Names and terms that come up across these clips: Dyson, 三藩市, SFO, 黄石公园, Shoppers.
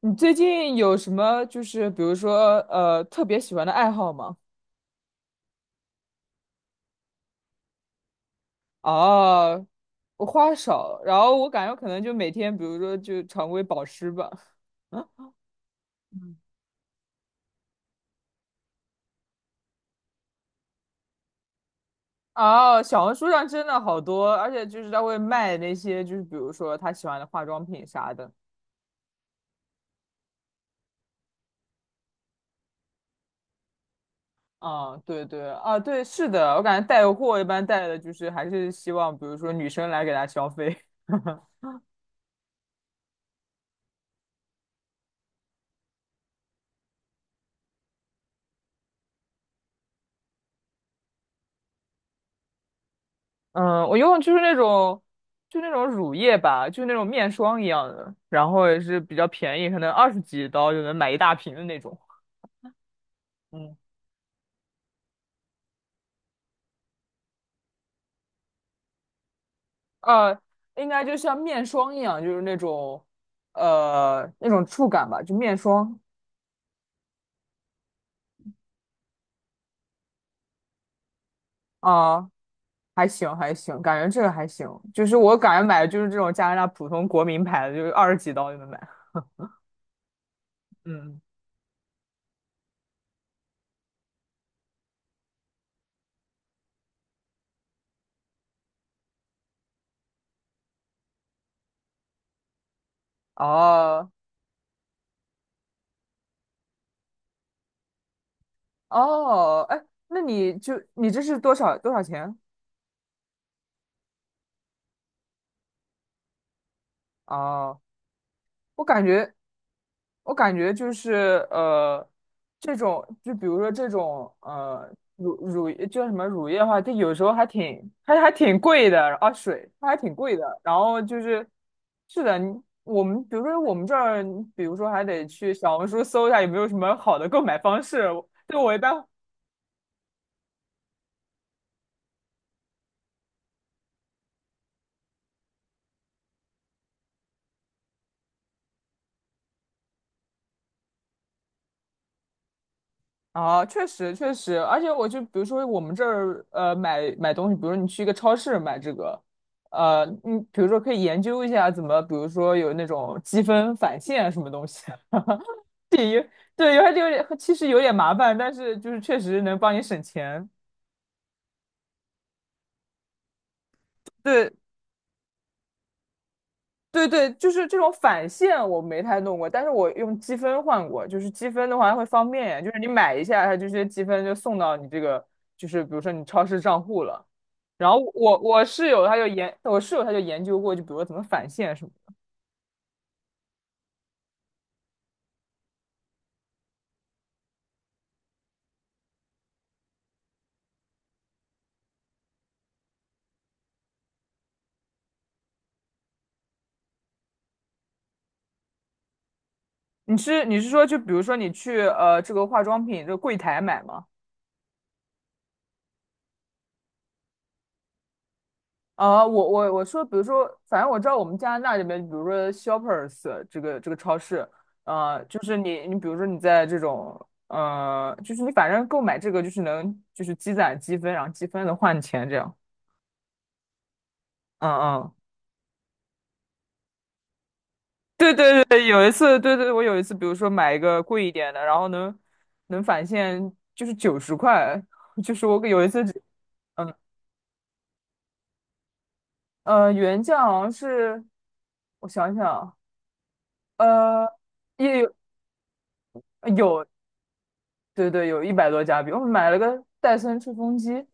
你最近有什么就是比如说特别喜欢的爱好吗？哦，我花少，然后我感觉可能就每天比如说就常规保湿吧。哦，小红书上真的好多，而且就是他会卖那些就是比如说他喜欢的化妆品啥的。啊，对对啊，对，是的，我感觉带货一般带的就是还是希望比如说女生来给他消费。嗯，我用的就是那种，就那种乳液吧，就那种面霜一样的，然后也是比较便宜，可能二十几刀就能买一大瓶的那种。嗯，呃，应该就像面霜一样，就是那种，那种触感吧，就面霜啊，还行还行，感觉这个还行，就是我感觉买的就是这种加拿大普通国民牌的，就是二十几刀就能买。嗯，哦哦，哎，那你这是多少钱？哦。我感觉，就是这种就比如说这种呃乳乳叫什么乳液的话，它有时候还挺贵的啊，水它还挺贵的。然后就是是的，我们比如说我们这儿，比如说还得去小红书搜一下有没有什么好的购买方式。对我一般啊，确实确实，而且我就比如说我们这儿买东西，比如你去一个超市买这个，你比如说可以研究一下怎么，比如说有那种积分返现什么东西，对，有点其实有点麻烦，但是就是确实能帮你省钱。对，对对，就是这种返现我没太弄过，但是我用积分换过。就是积分的话会方便呀，就是你买一下，它这些积分就送到你这个，就是比如说你超市账户了。然后我室友他就研究过，就比如说怎么返现什么的。你是说就比如说你去这个化妆品这个柜台买吗？啊，我说，比如说，反正我知道我们加拿大这边，比如说 Shoppers 这个超市，就是你比如说你在这种，就是你反正购买这个就是能就是积攒积分，然后积分能换钱这样。嗯嗯，对对对，有一次，对对，我有一次，比如说买一个贵一点的，然后能返现就是90块，就是我有一次只，嗯原价好像是，我想想啊，呃，也有。有对对，有100多加币，我买了个戴森吹风机，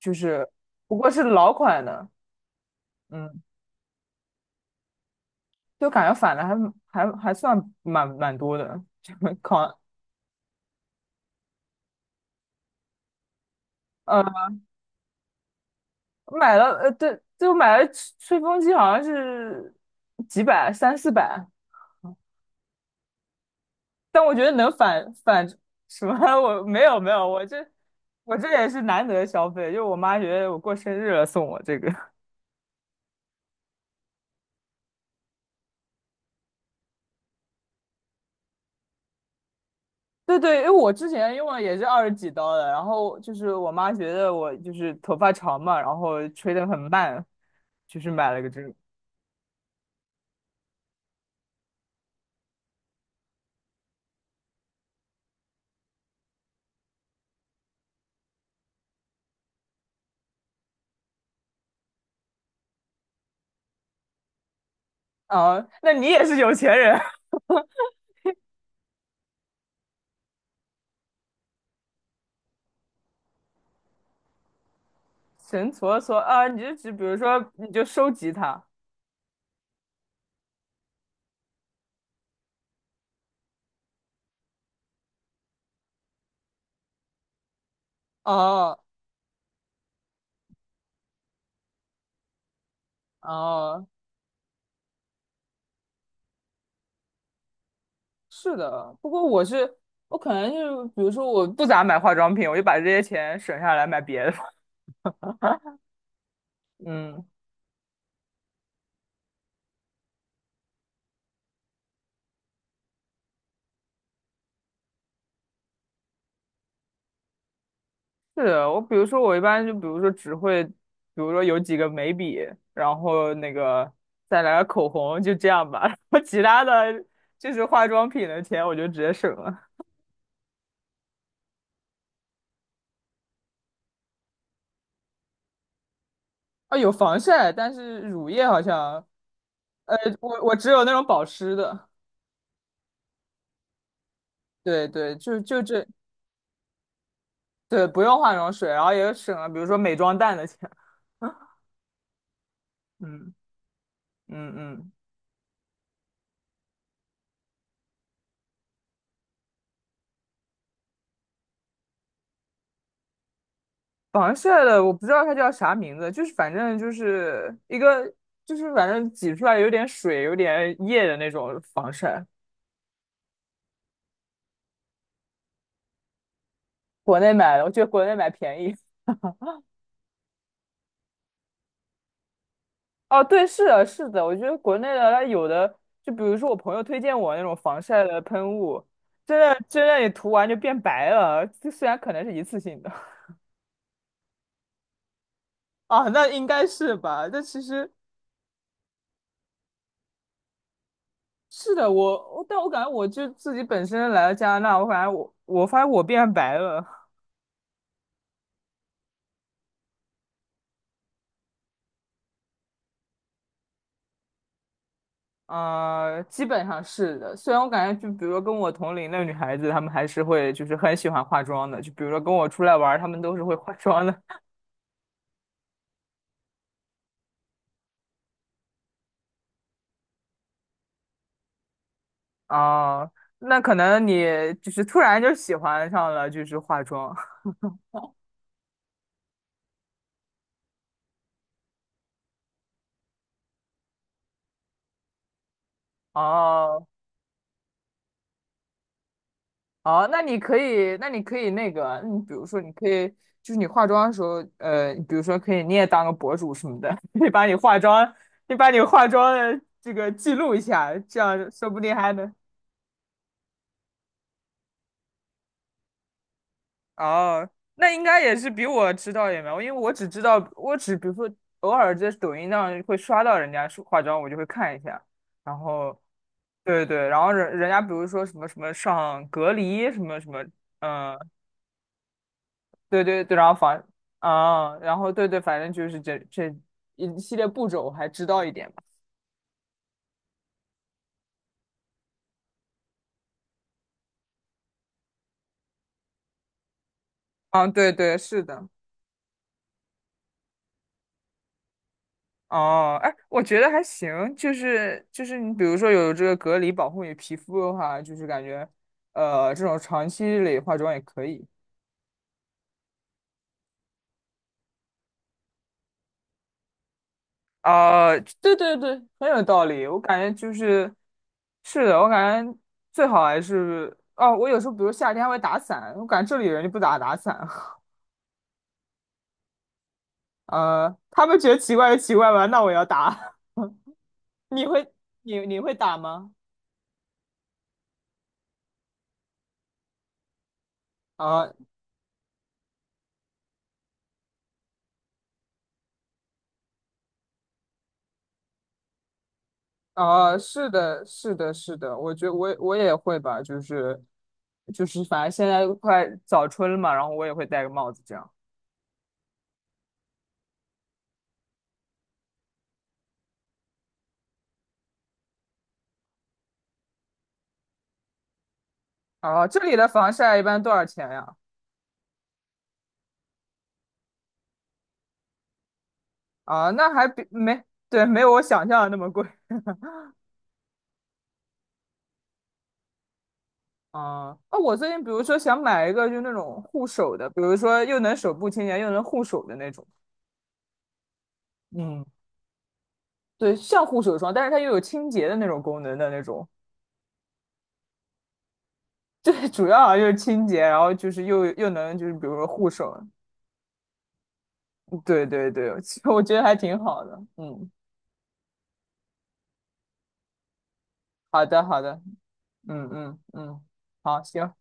就是不过是老款的，嗯，就感觉返的还算蛮多的，就扛呃买了对，就买了吹风机好像是几百三四百，但我觉得能返什么。 我没有没有，我这也是难得消费，就我妈觉得我过生日了送我这个，对对，因为我之前用了也是二十几刀的，然后就是我妈觉得我就是头发长嘛，然后吹得很慢，就是买了个这个。啊，那你也是有钱人，神搓搓啊，你就只比如说你就收集它。哦哦，是的，不过我可能就是比如说我不咋买化妆品，我就把这些钱省下来买别的。嗯。是的，我比如说我一般就比如说只会，比如说有几个眉笔，然后那个再来个口红，就这样吧。然后其他的就是化妆品的钱，我就直接省了。啊，有防晒，但是乳液好像，呃，我只有那种保湿的。对对，就这，对，不用化妆水，然后也省了，比如说美妆蛋的钱。嗯嗯嗯。防晒的我不知道它叫啥名字，就是反正就是一个，就是反正挤出来有点水、有点液的那种防晒。国内买的，我觉得国内买便宜。哦，对，是的，是的，我觉得国内的它有的，就比如说我朋友推荐我那种防晒的喷雾，真的真的你涂完就变白了，就虽然可能是一次性的。啊，那应该是吧？但其实是的，我但我感觉我就自己本身来了加拿大，我感觉我发现我变白了。基本上是的。虽然我感觉，就比如说跟我同龄的女孩子，她们还是会就是很喜欢化妆的。就比如说跟我出来玩儿她们都是会化妆的。哦，那可能你就是突然就喜欢上了，就是化妆。哦，哦，那你可以，那个，你比如说，你可以就是你化妆的时候，比如说可以你也当个博主什么的，你把你化妆的这个记录一下，这样说不定还能。哦，那应该也是比我知道也没有，因为我只知道，我只比如说偶尔在抖音上会刷到人家说化妆，我就会看一下，然后对对，然后人家比如说什么什么上隔离什么什么，嗯，对对对，然后啊，然后对对，反正就是这一系列步骤我还知道一点吧，嗯，对对，是的。哦，哎，我觉得还行，就是你比如说有这个隔离保护你皮肤的话，就是感觉，这种长期累化妆也可以。啊、对对对，很有道理。我感觉就是，是的，我感觉最好还是，哦，我有时候比如夏天还会打伞，我感觉这里人就不咋打伞。他们觉得奇怪就奇怪吧，那我要打。你会你会打吗？啊、啊，是的，是的，是的，我觉得我也会吧，反正现在快早春了嘛，然后我也会戴个帽子这样。啊，这里的防晒一般多少钱呀？啊，那还比没，对，没有我想象的那么贵。啊，啊，我最近比如说想买一个就那种护手的，比如说又能手部清洁又能护手的那种。嗯，对，像护手霜，但是它又有清洁的那种功能的那种。对，主要好像就是清洁，然后就是又能就是比如说护手。对对对，我觉得还挺好的。嗯，好的好的，嗯嗯嗯，好，行，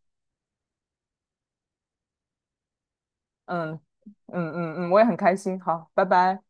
嗯嗯嗯嗯，我也很开心。好，拜拜。